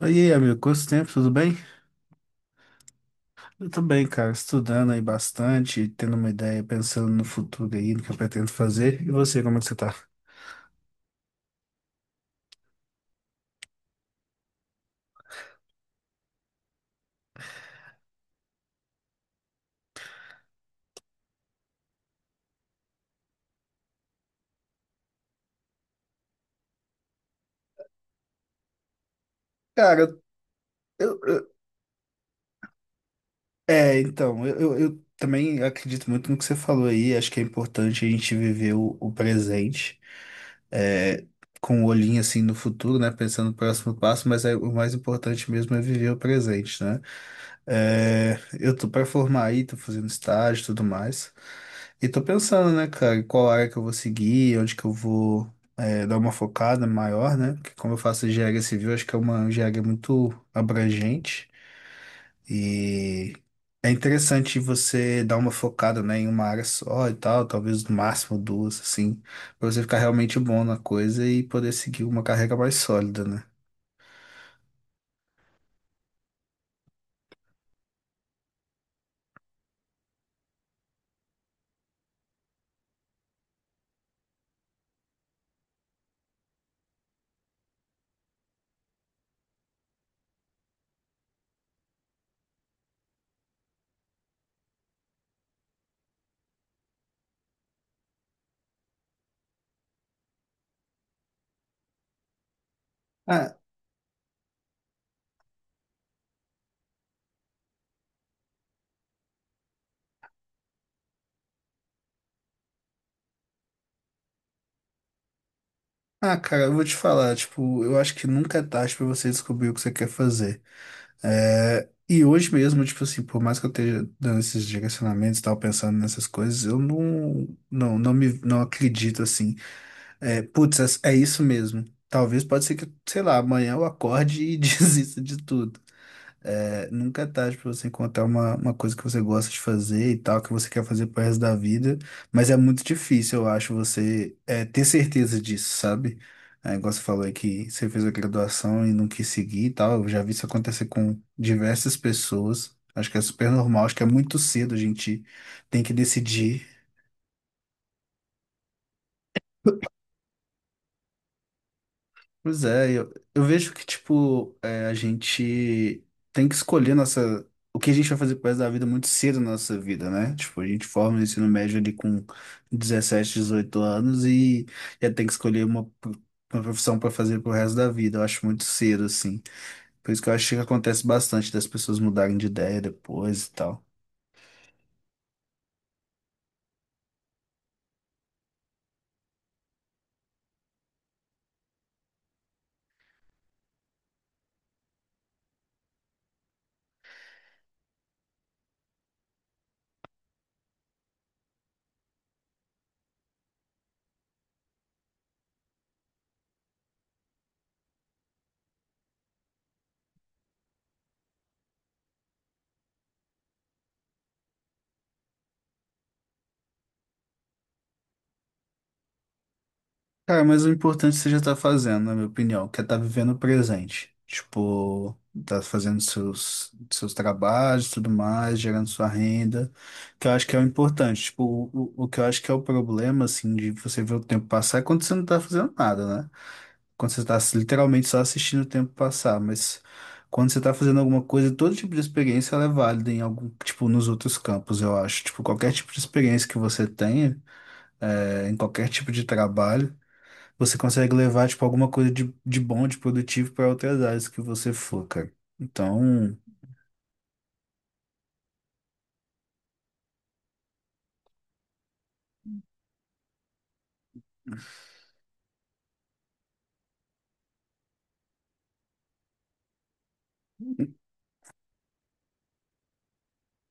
Oi, amigo, quanto tempo, tudo bem? Eu tô bem, cara, estudando aí bastante, tendo uma ideia, pensando no futuro aí, no que eu pretendo fazer. E você, como é que você tá? Cara, eu, eu- então, eu também acredito muito no que você falou aí, acho que é importante a gente viver o presente, é, com o olhinho assim no futuro, né, pensando no próximo passo, mas o mais importante mesmo é viver o presente, né? Eu tô pra formar aí, tô fazendo estágio e tudo mais. E tô pensando, né, cara, em qual área que eu vou seguir, onde que eu vou dar uma focada maior, né? Porque como eu faço engenharia civil, acho que é uma engenharia muito abrangente e é interessante você dar uma focada, né, em uma área só e tal, talvez no máximo duas, assim, pra você ficar realmente bom na coisa e poder seguir uma carreira mais sólida, né? Ah, cara, eu vou te falar, tipo, eu acho que nunca é tarde pra você descobrir o que você quer fazer. E hoje mesmo, tipo assim, por mais que eu esteja dando esses direcionamentos e tal, pensando nessas coisas, eu não, não, não me, não acredito assim. Putz, é isso mesmo. Talvez pode ser que, sei lá, amanhã eu acorde e desista de tudo. É, nunca é tarde para você encontrar uma coisa que você gosta de fazer e tal, que você quer fazer pro resto da vida, mas é muito difícil, eu acho, você ter certeza disso, sabe? Igual você falou aí que você fez a graduação e não quis seguir e tal, eu já vi isso acontecer com diversas pessoas, acho que é super normal, acho que é muito cedo a gente tem que decidir. Pois é, eu vejo que, tipo, a gente tem que escolher o que a gente vai fazer pro resto da vida muito cedo na nossa vida, né? Tipo, a gente forma o ensino médio ali com 17, 18 anos e já tem que escolher uma profissão para fazer pro resto da vida. Eu acho muito cedo, assim. Por isso que eu acho que acontece bastante das pessoas mudarem de ideia depois e tal. Cara, mas o importante você já tá fazendo, na minha opinião, que é tá vivendo o presente. Tipo, tá fazendo seus, seus trabalhos, tudo mais, gerando sua renda, que eu acho que é o importante. Tipo, o que eu acho que é o problema, assim, de você ver o tempo passar é quando você não tá fazendo nada, né? Quando você tá literalmente só assistindo o tempo passar, mas quando você tá fazendo alguma coisa, todo tipo de experiência ela é válida em algum, tipo, nos outros campos, eu acho. Tipo, qualquer tipo de experiência que você tenha, é, em qualquer tipo de trabalho você consegue levar, tipo, alguma coisa de bom, de produtivo para outras áreas que você for, cara. Então,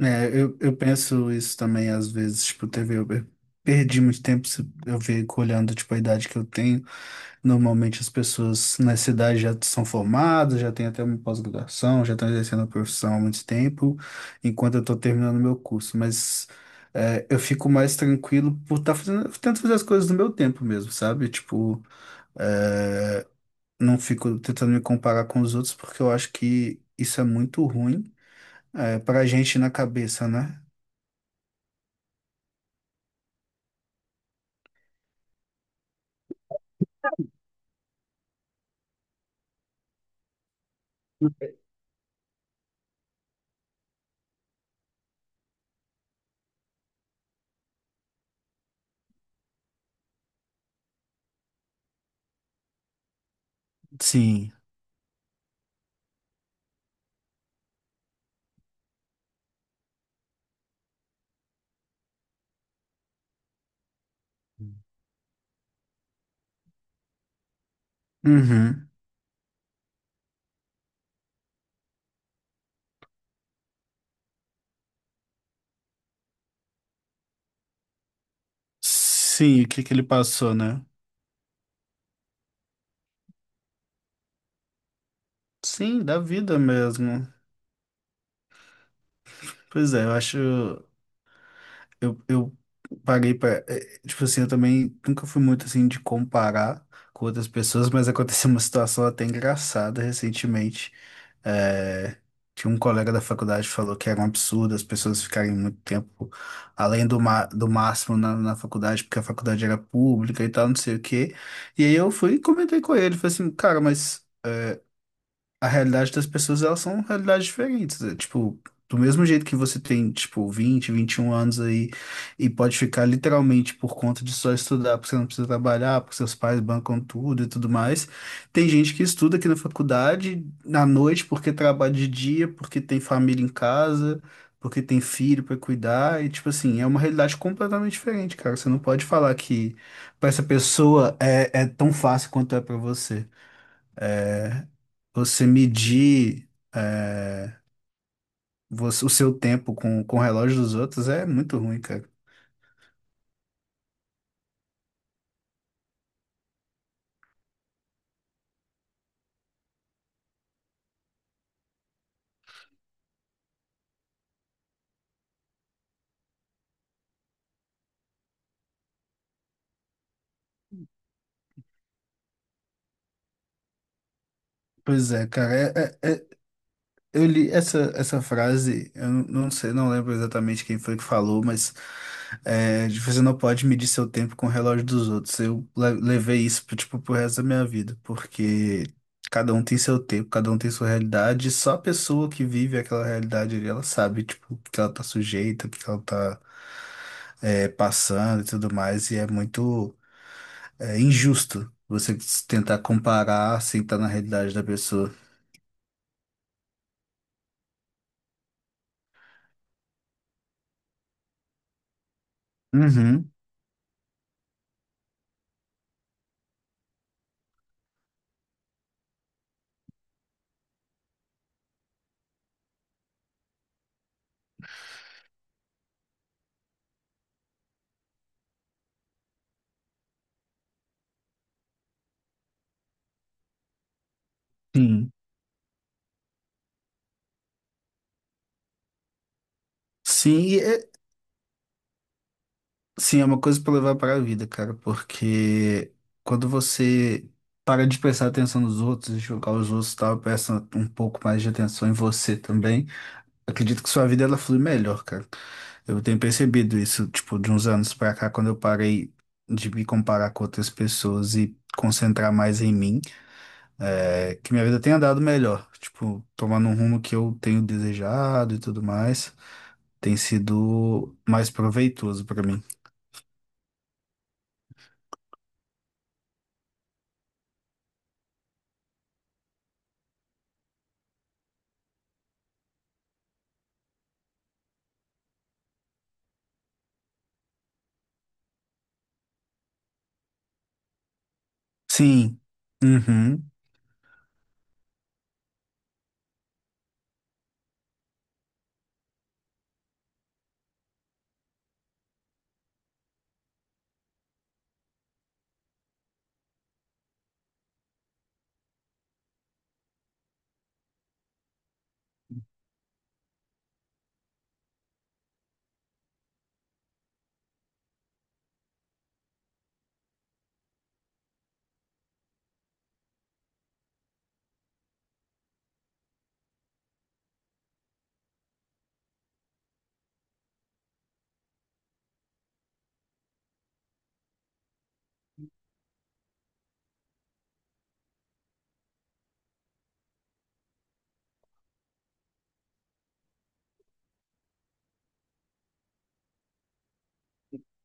eu penso isso também às vezes, tipo, eu perdi muito tempo, eu fico olhando, tipo, a idade que eu tenho. Normalmente as pessoas na cidade já são formadas, já têm até uma pós-graduação, já estão exercendo a profissão há muito tempo, enquanto eu estou terminando meu curso, mas eu fico mais tranquilo por estar fazendo, tento fazer as coisas no meu tempo mesmo, sabe? Tipo, é, não fico tentando me comparar com os outros, porque eu acho que isso é muito ruim, pra gente na cabeça, né? Sim. Uhum. Sim, o que que ele passou, né? Sim, da vida mesmo. Pois é, eu acho. Eu parei para, tipo assim, eu também nunca fui muito assim de comparar com outras pessoas, mas aconteceu uma situação até engraçada recentemente. É, que um colega da faculdade falou que era um absurdo as pessoas ficarem muito tempo além do máximo na faculdade, porque a faculdade era pública e tal, não sei o quê. E aí eu fui e comentei com ele, falei assim, cara, mas a realidade das pessoas, elas são realidades diferentes. Tipo, do mesmo jeito que você tem, tipo, 20, 21 anos aí e pode ficar literalmente por conta de só estudar, porque você não precisa trabalhar, porque seus pais bancam tudo e tudo mais. Tem gente que estuda aqui na faculdade na noite porque trabalha de dia, porque tem família em casa. Porque tem filho pra cuidar, e tipo assim, é uma realidade completamente diferente, cara. Você não pode falar que pra essa pessoa é tão fácil quanto é pra você. Você medir é, o seu tempo com o relógio dos outros é muito ruim, cara. Pois é, cara. Eu li essa frase, eu não sei, não lembro exatamente quem foi que falou, mas de você não pode medir seu tempo com o relógio dos outros. Eu levei isso pro, tipo, pro resto da minha vida, porque cada um tem seu tempo, cada um tem sua realidade, e só a pessoa que vive aquela realidade ali, ela sabe, tipo, o que ela tá sujeita, o que ela tá passando e tudo mais, e é muito injusto você tentar comparar sem estar na realidade da pessoa. Uhum, sim. Sim, sim, é uma coisa pra levar para a vida, cara, porque quando você para de prestar atenção nos outros, julgar os outros e tal, presta um pouco mais de atenção em você também, acredito que sua vida ela flui melhor, cara. Eu tenho percebido isso, tipo, de uns anos pra cá, quando eu parei de me comparar com outras pessoas e concentrar mais em mim, que minha vida tem andado melhor, tipo, tomando um rumo que eu tenho desejado e tudo mais, tem sido mais proveitoso pra mim. Sim. Uhum.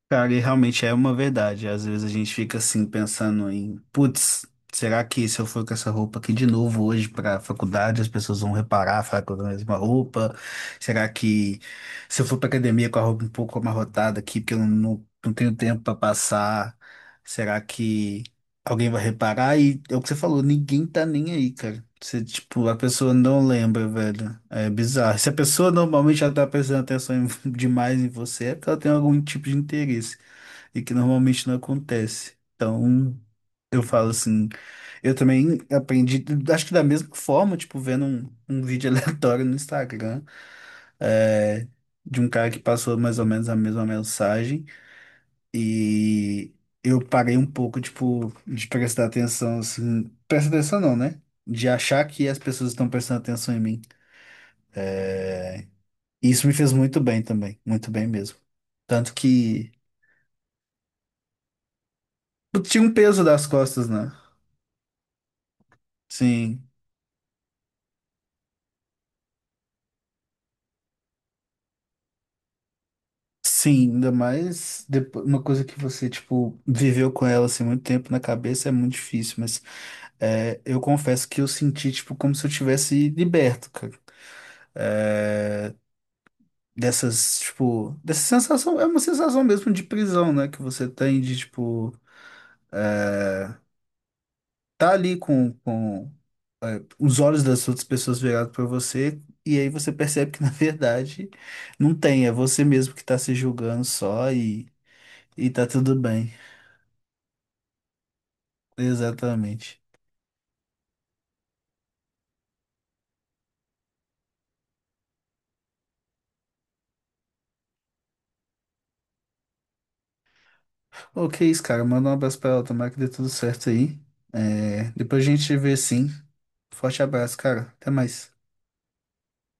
Cara, e realmente é uma verdade. Às vezes a gente fica assim pensando em, putz, será que se eu for com essa roupa aqui de novo hoje para faculdade, as pessoas vão reparar, falar que eu uso a mesma roupa? Será que se eu for para academia com a roupa um pouco amarrotada aqui, porque eu não tenho tempo para passar, será que alguém vai reparar e é o que você falou, ninguém tá nem aí, cara. Você, tipo, a pessoa não lembra, velho. É bizarro. Se a pessoa normalmente já tá prestando atenção demais em você, é porque ela tem algum tipo de interesse. E que normalmente não acontece. Então, eu falo assim, eu também aprendi, acho que da mesma forma, tipo, vendo um vídeo aleatório no Instagram, é, de um cara que passou mais ou menos a mesma mensagem. E eu parei um pouco, tipo, de prestar atenção, assim. Prestar atenção não, né? De achar que as pessoas estão prestando atenção em mim. E isso me fez muito bem também. Muito bem mesmo. Tanto que eu tinha um peso das costas, né? Sim. Sim, ainda mais depois, uma coisa que você, tipo, viveu com ela assim muito tempo na cabeça é muito difícil, mas eu confesso que eu senti, tipo, como se eu tivesse liberto, tipo, dessa sensação, é uma sensação mesmo de prisão, né, que você tem de, tipo, tá ali com os olhos das outras pessoas virados pra você, e aí você percebe que, na verdade, não tem, é você mesmo que tá se julgando só e tá tudo bem. Exatamente. Ok, isso, cara, manda um abraço pra ela, tomara que dê tudo certo aí. É, depois a gente vê sim. Forte abraço, cara. Até mais.